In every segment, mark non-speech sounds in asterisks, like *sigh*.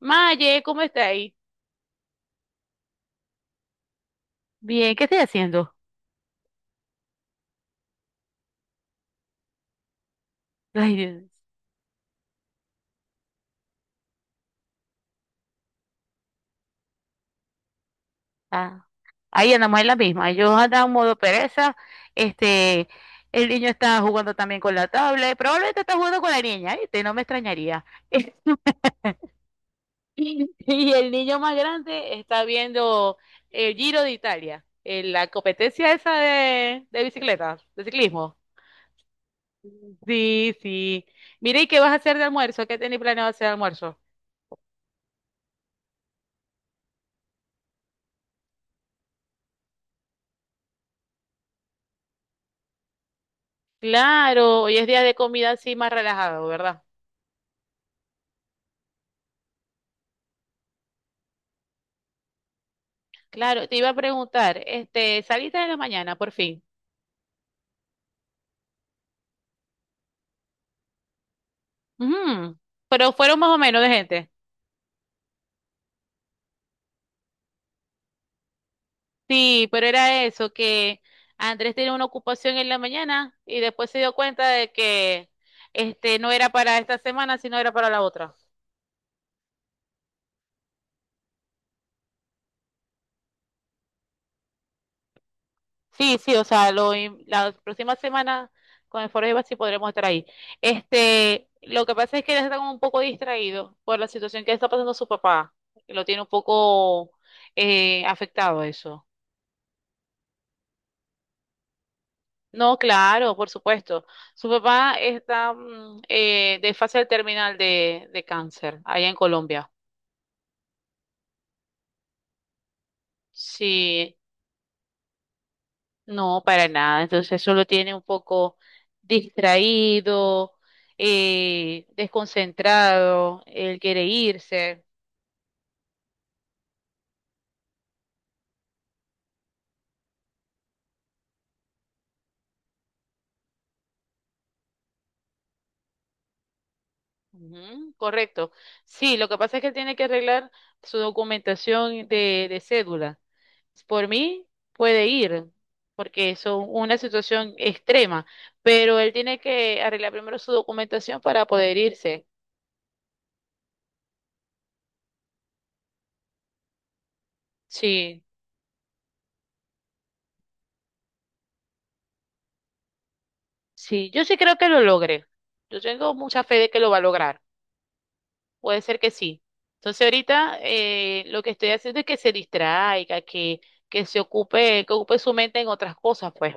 Maye, ¿cómo está ahí? Bien, ¿qué estoy haciendo? Ay, Dios. Ah, ahí andamos en la misma. Yo andaba en modo pereza. Este, el niño está jugando también con la tablet. Probablemente está jugando con la niña, ¿viste? No me extrañaría. *laughs* Y el niño más grande está viendo el Giro de Italia, la competencia esa de bicicletas, de ciclismo. Sí, sí. Mire, ¿y qué vas a hacer de almuerzo? ¿Qué tenés planeado hacer de almuerzo? Claro, hoy es día de comida así más relajado, ¿verdad? Claro, te iba a preguntar, saliste de la mañana, por fin. Ujú. Pero fueron más o menos de gente. Sí, pero era eso, que Andrés tenía una ocupación en la mañana y después se dio cuenta de que este no era para esta semana, sino era para la otra. Sí, sí, o sea, la próxima semana con el Foro Ibar sí podremos estar ahí. Este, lo que pasa es que él está como un poco distraído por la situación que está pasando su papá. Lo tiene un poco afectado eso. No, claro, por supuesto. Su papá está de fase terminal de cáncer allá en Colombia. Sí, no, para nada. Entonces eso lo tiene un poco distraído, desconcentrado. Él quiere irse. Ujú, correcto. Sí, lo que pasa es que él tiene que arreglar su documentación de cédula. Por mí puede ir, porque es una situación extrema, pero él tiene que arreglar primero su documentación para poder irse. Sí, sí, yo sí creo que lo logre. Yo tengo mucha fe de que lo va a lograr. Puede ser que sí. Entonces ahorita lo que estoy haciendo es que se distraiga, que se ocupe, que ocupe su mente en otras cosas, pues.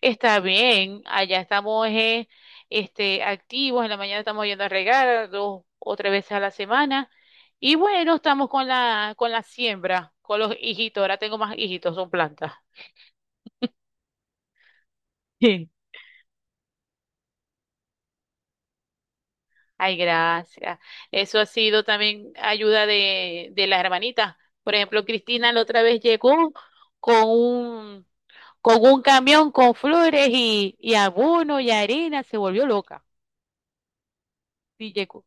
Está bien, allá estamos activos, en la mañana estamos yendo a regar dos o tres veces a la semana y bueno, estamos con la siembra, con los hijitos, ahora tengo más hijitos, son plantas. *laughs* Sí. Ay, gracias. Eso ha sido también ayuda de las hermanitas. Por ejemplo, Cristina la otra vez llegó con un, con un camión con flores y abono y arena, se volvió loca. Y llegó.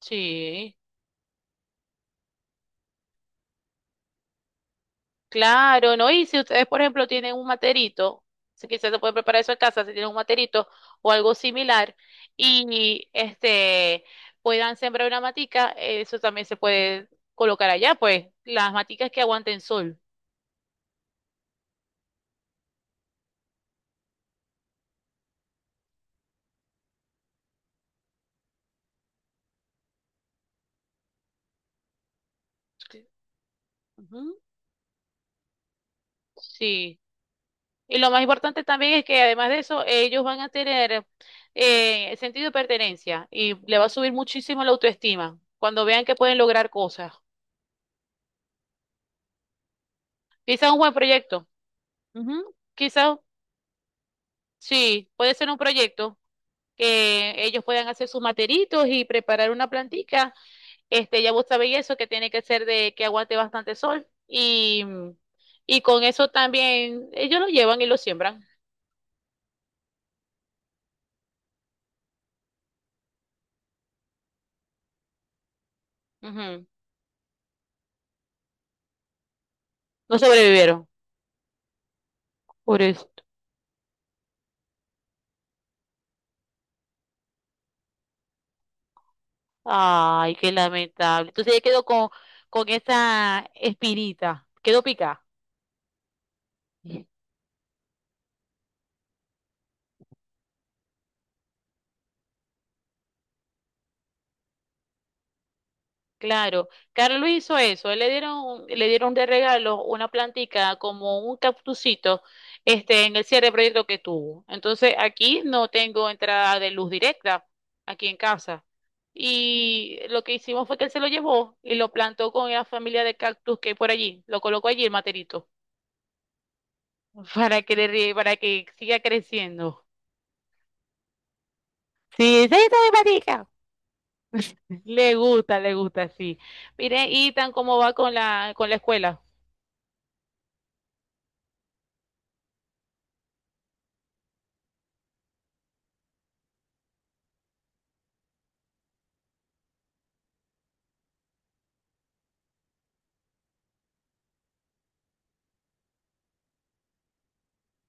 Sí. Claro, ¿no? Y si ustedes, por ejemplo, tienen un materito, si quizás se puede preparar eso en casa, si tienen un materito o algo similar, y este puedan sembrar una matica, eso también se puede colocar allá, pues, las maticas que aguanten sol. Ujú. Sí. Y lo más importante también es que además de eso, ellos van a tener sentido de pertenencia y le va a subir muchísimo la autoestima cuando vean que pueden lograr cosas. Quizás un buen proyecto. Ujú. Quizás sí, puede ser un proyecto que ellos puedan hacer sus materitos y preparar una plantica. Este, ya vos sabéis eso, que tiene que ser de que aguante bastante sol. Y, y con eso también ellos lo llevan y lo siembran. Ujú. No sobrevivieron por esto. Ay, qué lamentable. Entonces ya quedó con esa espinita. Quedó picada. *laughs* Claro, Carlos hizo eso, él le dieron, le dieron de regalo una plantica como un cactusito, en el cierre de proyecto que tuvo. Entonces aquí no tengo entrada de luz directa, aquí en casa. Y lo que hicimos fue que él se lo llevó y lo plantó con la familia de cactus que hay por allí, lo colocó allí el materito, *laughs* para que para que siga creciendo. Sí, sí, está mi platica. *laughs* Le gusta, sí. Mire, y tan como va con la escuela.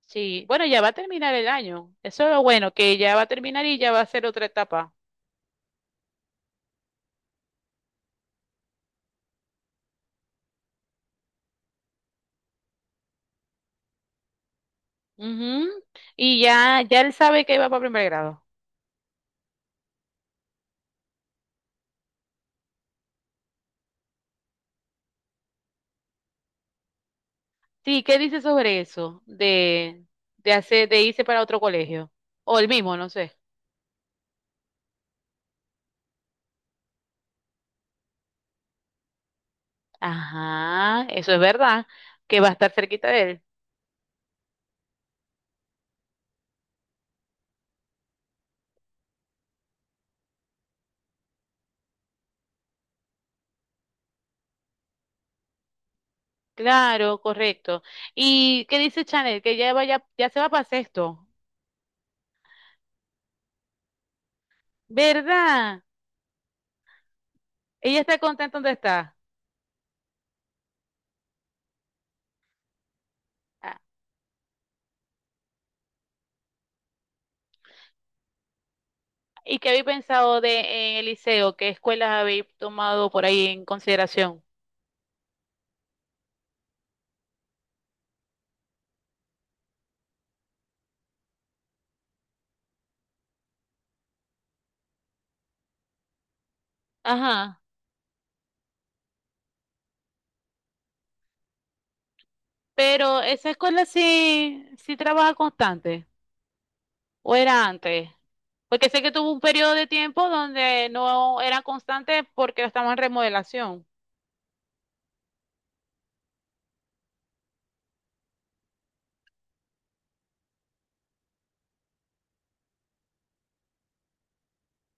Sí, bueno, ya va a terminar el año. Eso es lo bueno, que ya va a terminar y ya va a ser otra etapa. Ujú. Y ya, ya él sabe que va para primer grado. Sí, ¿qué dice sobre eso? De hacer, de irse para otro colegio. O el mismo, no sé. Ajá, eso es verdad, que va a estar cerquita de él. Claro, correcto. ¿Y qué dice Chanel? Que ya vaya, ya se va para sexto. ¿Verdad? Ella está contenta donde está. ¿Y qué habéis pensado de en el liceo? ¿Qué escuelas habéis tomado por ahí en consideración? Ajá. Pero esa escuela sí, sí trabaja constante, o era antes. Porque sé que tuvo un periodo de tiempo donde no era constante porque estaba en remodelación.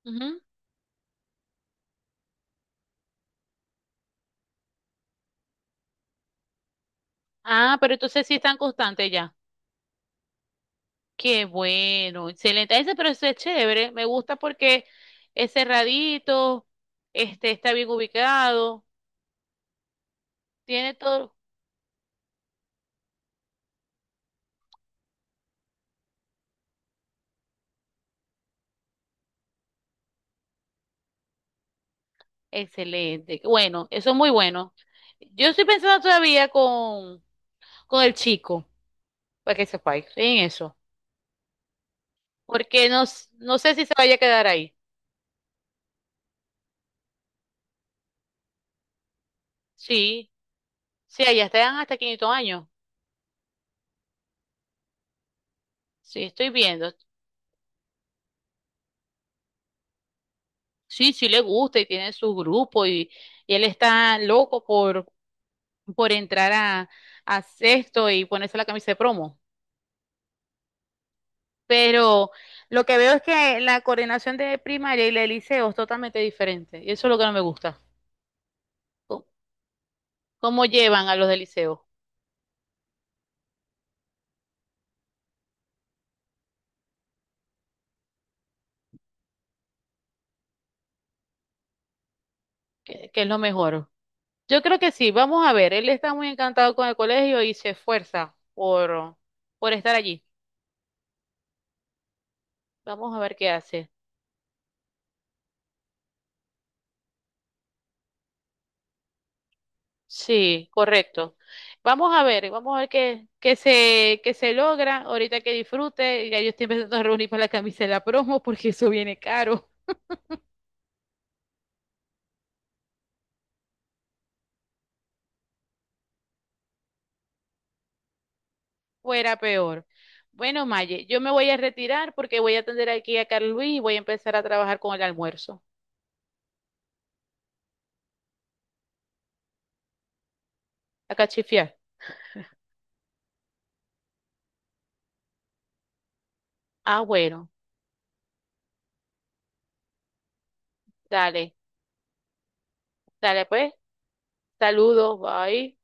Ujú. Ah, pero entonces sí están constantes ya. Qué bueno, excelente. Ese proceso es chévere, me gusta porque es cerradito, está bien ubicado, tiene todo. Excelente. Bueno, eso es muy bueno. Yo estoy pensando todavía con el chico, para que sepa en eso, porque no, no sé si se vaya a quedar ahí. Sí, sí, allá están hasta 500 años. Sí, estoy viendo. Sí, sí le gusta y tiene su grupo y él está loco por entrar a sexto y ponerse la camisa de promo. Pero lo que veo es que la coordinación de primaria y la de liceo es totalmente diferente y eso es lo que no me gusta. Cómo llevan a los del liceo, que es lo mejor. Yo creo que sí, vamos a ver, él está muy encantado con el colegio y se esfuerza por estar allí. Vamos a ver qué hace. Sí, correcto. Vamos a ver qué, qué se logra, ahorita que disfrute, ya yo estoy empezando a reunir para la camisa de la promo porque eso viene caro, fuera peor. Bueno, Maye, yo me voy a retirar porque voy a atender aquí a Carlos Luis y voy a empezar a trabajar con el almuerzo. A cachifiar. Ah, bueno, dale. Dale pues, saludos, bye.